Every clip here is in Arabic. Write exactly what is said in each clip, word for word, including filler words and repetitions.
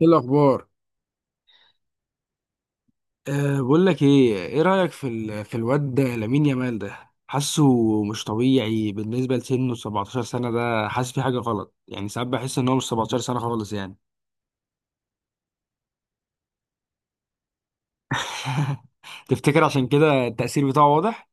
ايه الاخبار؟ أه بقول لك ايه ايه رايك في ال... في الواد ده لامين يامال، ده حاسه مش طبيعي بالنسبه لسنه سبعتاشر سنة سنه. ده حاسس في حاجه غلط، يعني ساعات بحس ان هو مش سبعة عشر سنة سنه خالص يعني. تفتكر عشان كده التاثير بتاعه واضح؟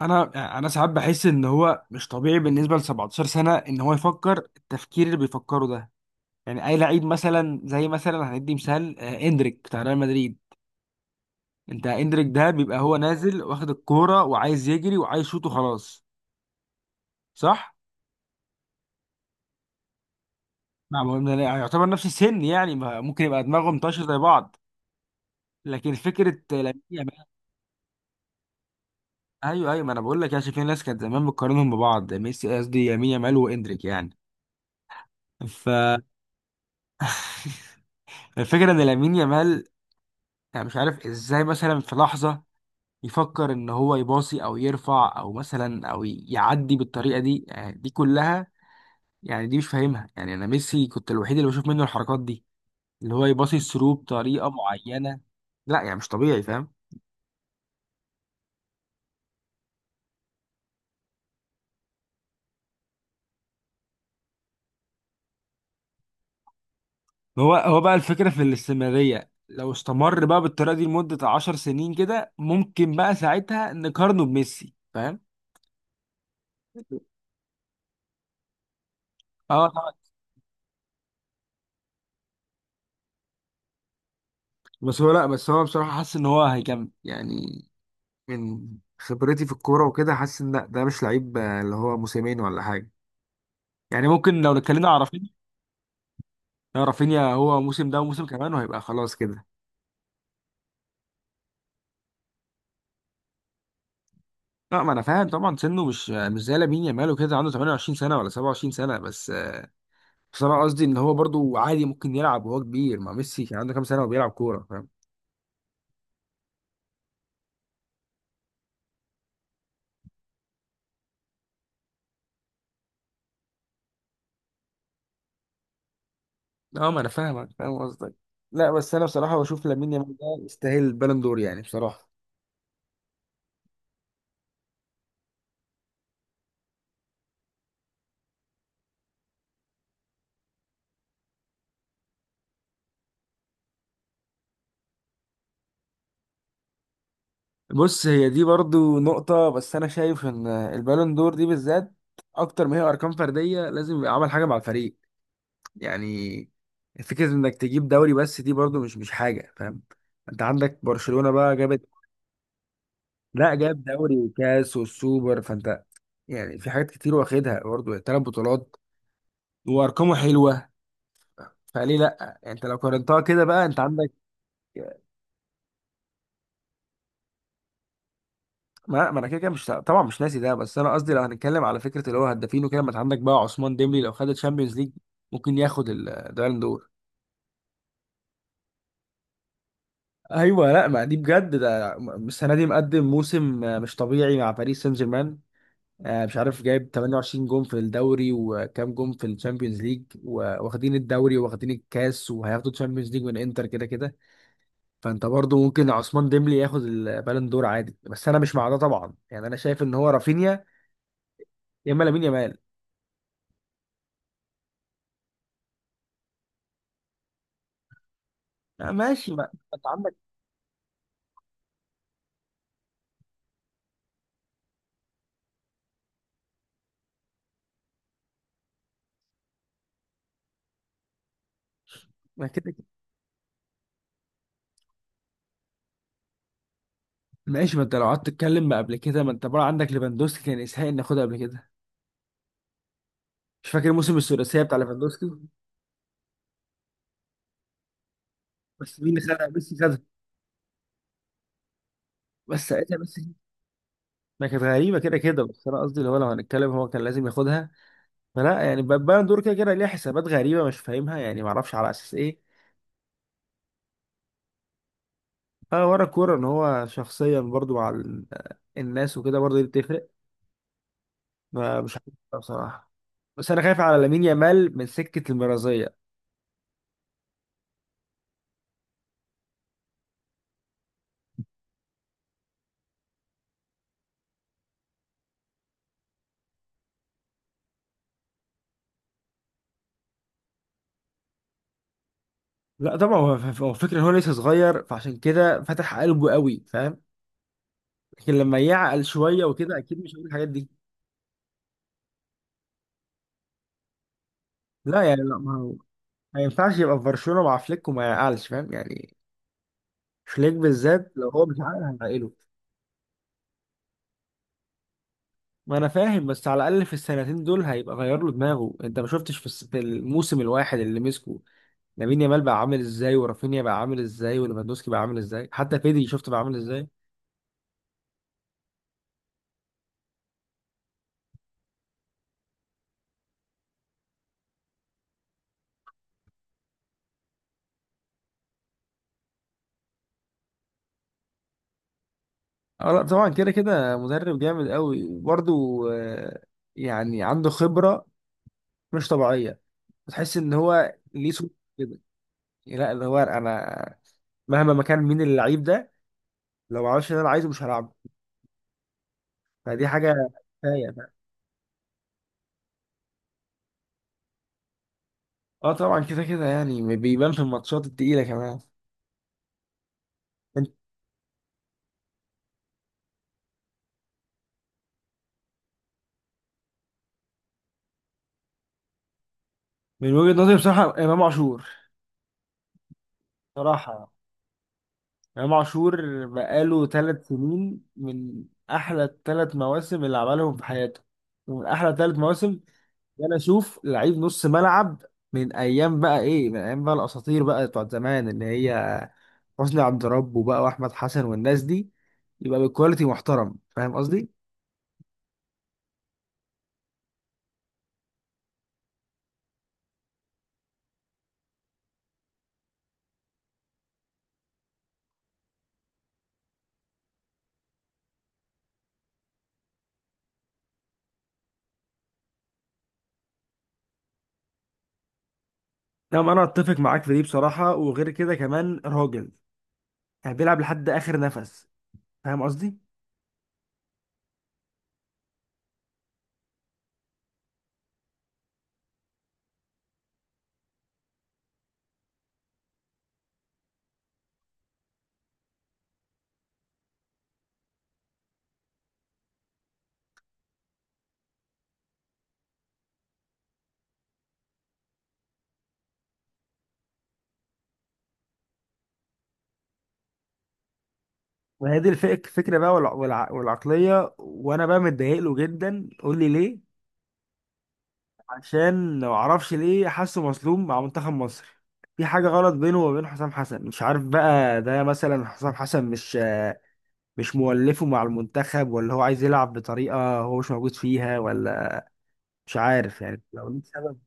انا انا ساعات بحس ان هو مش طبيعي بالنسبه ل سبعة عشر سنة سنه، ان هو يفكر التفكير اللي بيفكره ده. يعني اي لعيب مثلا، زي مثلا هندي مثال، آه، اندريك بتاع ريال مدريد. انت اندريك ده بيبقى هو نازل واخد الكوره وعايز يجري وعايز يشوط وخلاص. صح. نعم، هو من- يعتبر نفس السن، يعني ما- ممكن يبقى دماغهم طاشه زي بعض، لكن فكره لامين يامال. ايوه، ايوه، ما انا بقول لك، يا شايف في ناس كانت زمان بتقارنهم ببعض، ميسي قصدي يمين يامال واندريك يعني. ف الفكرة ان لامين يامال، يعني مش عارف ازاي، مثلا في لحظة يفكر ان هو يباصي او يرفع او مثلا او ي- يعدي بالطريقة دي، يعني دي كلها، يعني دي مش فاهمها. يعني انا ميسي كنت الوحيد اللي بشوف منه الحركات دي، اللي هو يباصي الثرو بطريقة معينة. لا يعني مش طبيعي، فاهم. هو هو بقى الفكرة في الاستمرارية، لو استمر بقى بالطريقة دي لمدة عشر سنين كده، ممكن بقى ساعتها نقارنه بميسي، فاهم؟ اه طبعا. بس هو لا بس هو بصراحة حاسس ان هو هيكمل يعني. من خبرتي في الكورة وكده، حاسس ان لا، ده مش لعيب آه، اللي هو موسمين ولا حاجة. يعني ممكن لو اتكلمنا على رافينيا. لا، رافينيا هو موسم ده وموسم كمان وهيبقى خلاص كده. لا، ما انا فاهم طبعا، سنه مش مش زي لامين يامال وكده، عنده 28 سنة ولا 27 سنة بس بس انا قصدي ان هو برضو عادي ممكن يلعب وهو كبير. ما ميسي كان عنده كام سنه وبيلعب كوره، فاهم. اه، ما انا فاهمك، فاهم قصدك. لا بس انا بصراحه بشوف لامين يامال ده يستاهل البالون دور يعني، بصراحه. بص، هي دي برضو نقطه، بس انا شايف ان البالون دور دي بالذات اكتر ما هي ارقام فرديه، لازم يبقى عمل حاجه مع الفريق يعني. فكره انك تجيب دوري بس دي برضو مش مش حاجه، فاهم. انت عندك برشلونه بقى جابت. لا، جاب دوري وكاس والسوبر، فانت يعني في حاجات كتير واخدها برضه، ثلاث بطولات، وارقامه حلوه. فليه لا يعني، انت لو قارنتها كده بقى انت عندك. ما, ما انا كده كده مش، طبعا مش ناسي ده، بس انا قصدي لو هنتكلم على فكره اللي هو هدافين وكده، ما انت عندك بقى عثمان ديمبلي، لو خد الشامبيونز ليج ممكن ياخد البالون دور. ايوه، لا ما دي بجد، ده السنه دي مقدم موسم مش طبيعي مع باريس سان جيرمان. آه، مش عارف جايب 28 جون في الدوري وكام جون في الشامبيونز ليج، واخدين الدوري واخدين الكاس وهياخدوا الشامبيونز ليج من انتر كده كده. فانت برضو ممكن عثمان ديمبلي ياخد البالون دور عادي، بس انا مش مع ده طبعا، يعني انا شايف ان هو رافينيا، يا اما لامين يامال. آه، ماشي، ما انت عندك. ما كده كده، ماشي، ما انت لو قعدت تتكلم، ما قبل كده ما انت بقى عندك ليفاندوسكي كان يستحق ان ياخدها قبل كده، مش فاكر موسم الثلاثيه بتاع ليفاندوسكي. بس مين اللي خدها؟ ميسي خدها. بس ساعتها ميسي ما كانت غريبه كده كده، بس انا قصدي اللي هو لو هنتكلم، هو كان لازم ياخدها. فلا يعني، البالون دور كده كده ليها حسابات غريبه مش فاهمها يعني، ما اعرفش على اساس ايه. اه، ورا الكوره ان هو شخصيا برضو مع ال- الناس وكده، برضو دي بتفرق. ما مش عارف بصراحه. بس انا خايف على لامين يامال من سكه المرازيه. لا طبعا، هو هو فكره ان هو لسه صغير، فعشان كده فتح قلبه قوي، فاهم. لكن لما يعقل شويه وكده، اكيد مش هيقول الحاجات دي. لا يعني، لا ما هو ما ينفعش يبقى في برشلونه مع فليك وما يعقلش، فاهم يعني. فليك بالذات، لو هو مش عاقل هيعقله. ما انا فاهم، بس على الاقل في السنتين دول هيبقى غير له دماغه. انت ما شفتش في الس- في الموسم الواحد اللي مسكه لامين يامال بقى عامل ازاي، ورافينيا بقى عامل ازاي، وليفاندوسكي بقى عامل ازاي، حتى بيدري شفت بقى عامل ازاي. اه لا طبعا كده كده مدرب جامد قوي. وبرده آه، يعني عنده خبرة مش طبيعية، بتحس ان هو ليه صوت كده. لا، اللي هو انا مهما ما كان مين اللعيب ده، لو ما عملش اللي انا عايزه مش هلعبه، فدي حاجة. كفاية بقى. اه طبعا كده كده، يعني بيبان في الماتشات التقيلة كمان. انت- من وجهة نظري بصراحة، امام عاشور. صراحة امام عاشور بقاله ثلاث سنين من احلى الثلاث مواسم اللي عملهم في حياته، ومن احلى ثلاث مواسم. ده انا اشوف لعيب نص ملعب، من ايام بقى ايه، من ايام بقى الاساطير بقى بتوع زمان، اللي هي حسني عبد ربه بقى واحمد حسن والناس دي، يبقى بالكواليتي محترم، فاهم قصدي؟ نعم، انا اتفق معاك في دي بصراحه. وغير كده كمان راجل، يعني بيلعب لحد اخر نفس، فاهم قصدي؟ وهي دي الفك- الفكره بقى، والع... والع... والعقليه. وانا بقى متضايق له جدا، قول لي ليه. عشان لو اعرفش ليه، حاسه مظلوم مع منتخب مصر. في حاجة غلط بينه وبين حسام حسن، مش عارف بقى، ده مثلا حسام حسن مش مش مولفه مع المنتخب، ولا هو عايز يلعب بطريقة هو مش موجود فيها، ولا مش عارف يعني لو ليه سبب.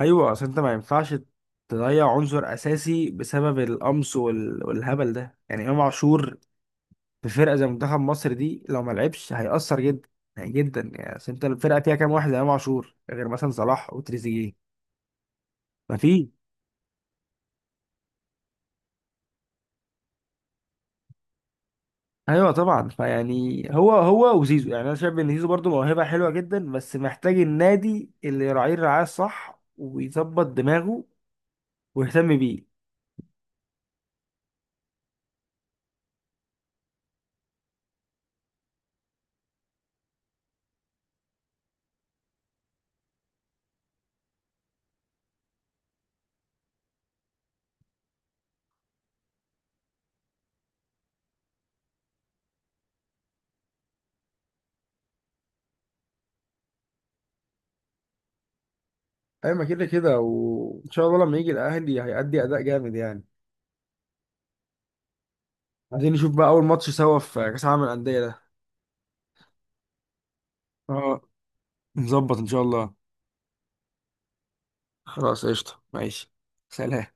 ايوه، اصل انت ما ينفعش تضيع عنصر اساسي بسبب القمص وال... والهبل ده يعني. امام عاشور في فرقة زي منتخب مصر دي لو ما لعبش هيأثر جدا يعني، جدا يعني. اصل انت الفرقة فيها كام واحد زي امام عاشور غير مثلا صلاح وتريزيجيه؟ مفيش. ايوه طبعا، فيعني هو هو وزيزو. يعني انا شايف ان زيزو برضه موهبه حلوه جدا، بس محتاج النادي اللي يراعيه الرعايه الصح ويظبط دماغه ويهتم بيه. ايوه، ما كده كده. وان شاء الله لما يجي الاهلي هيأدي اداء جامد يعني. عايزين نشوف بقى اول ماتش سوا في كاس العالم للانديه ده. اه، نظبط ان شاء الله. خلاص، قشطه، ماشي. سلام.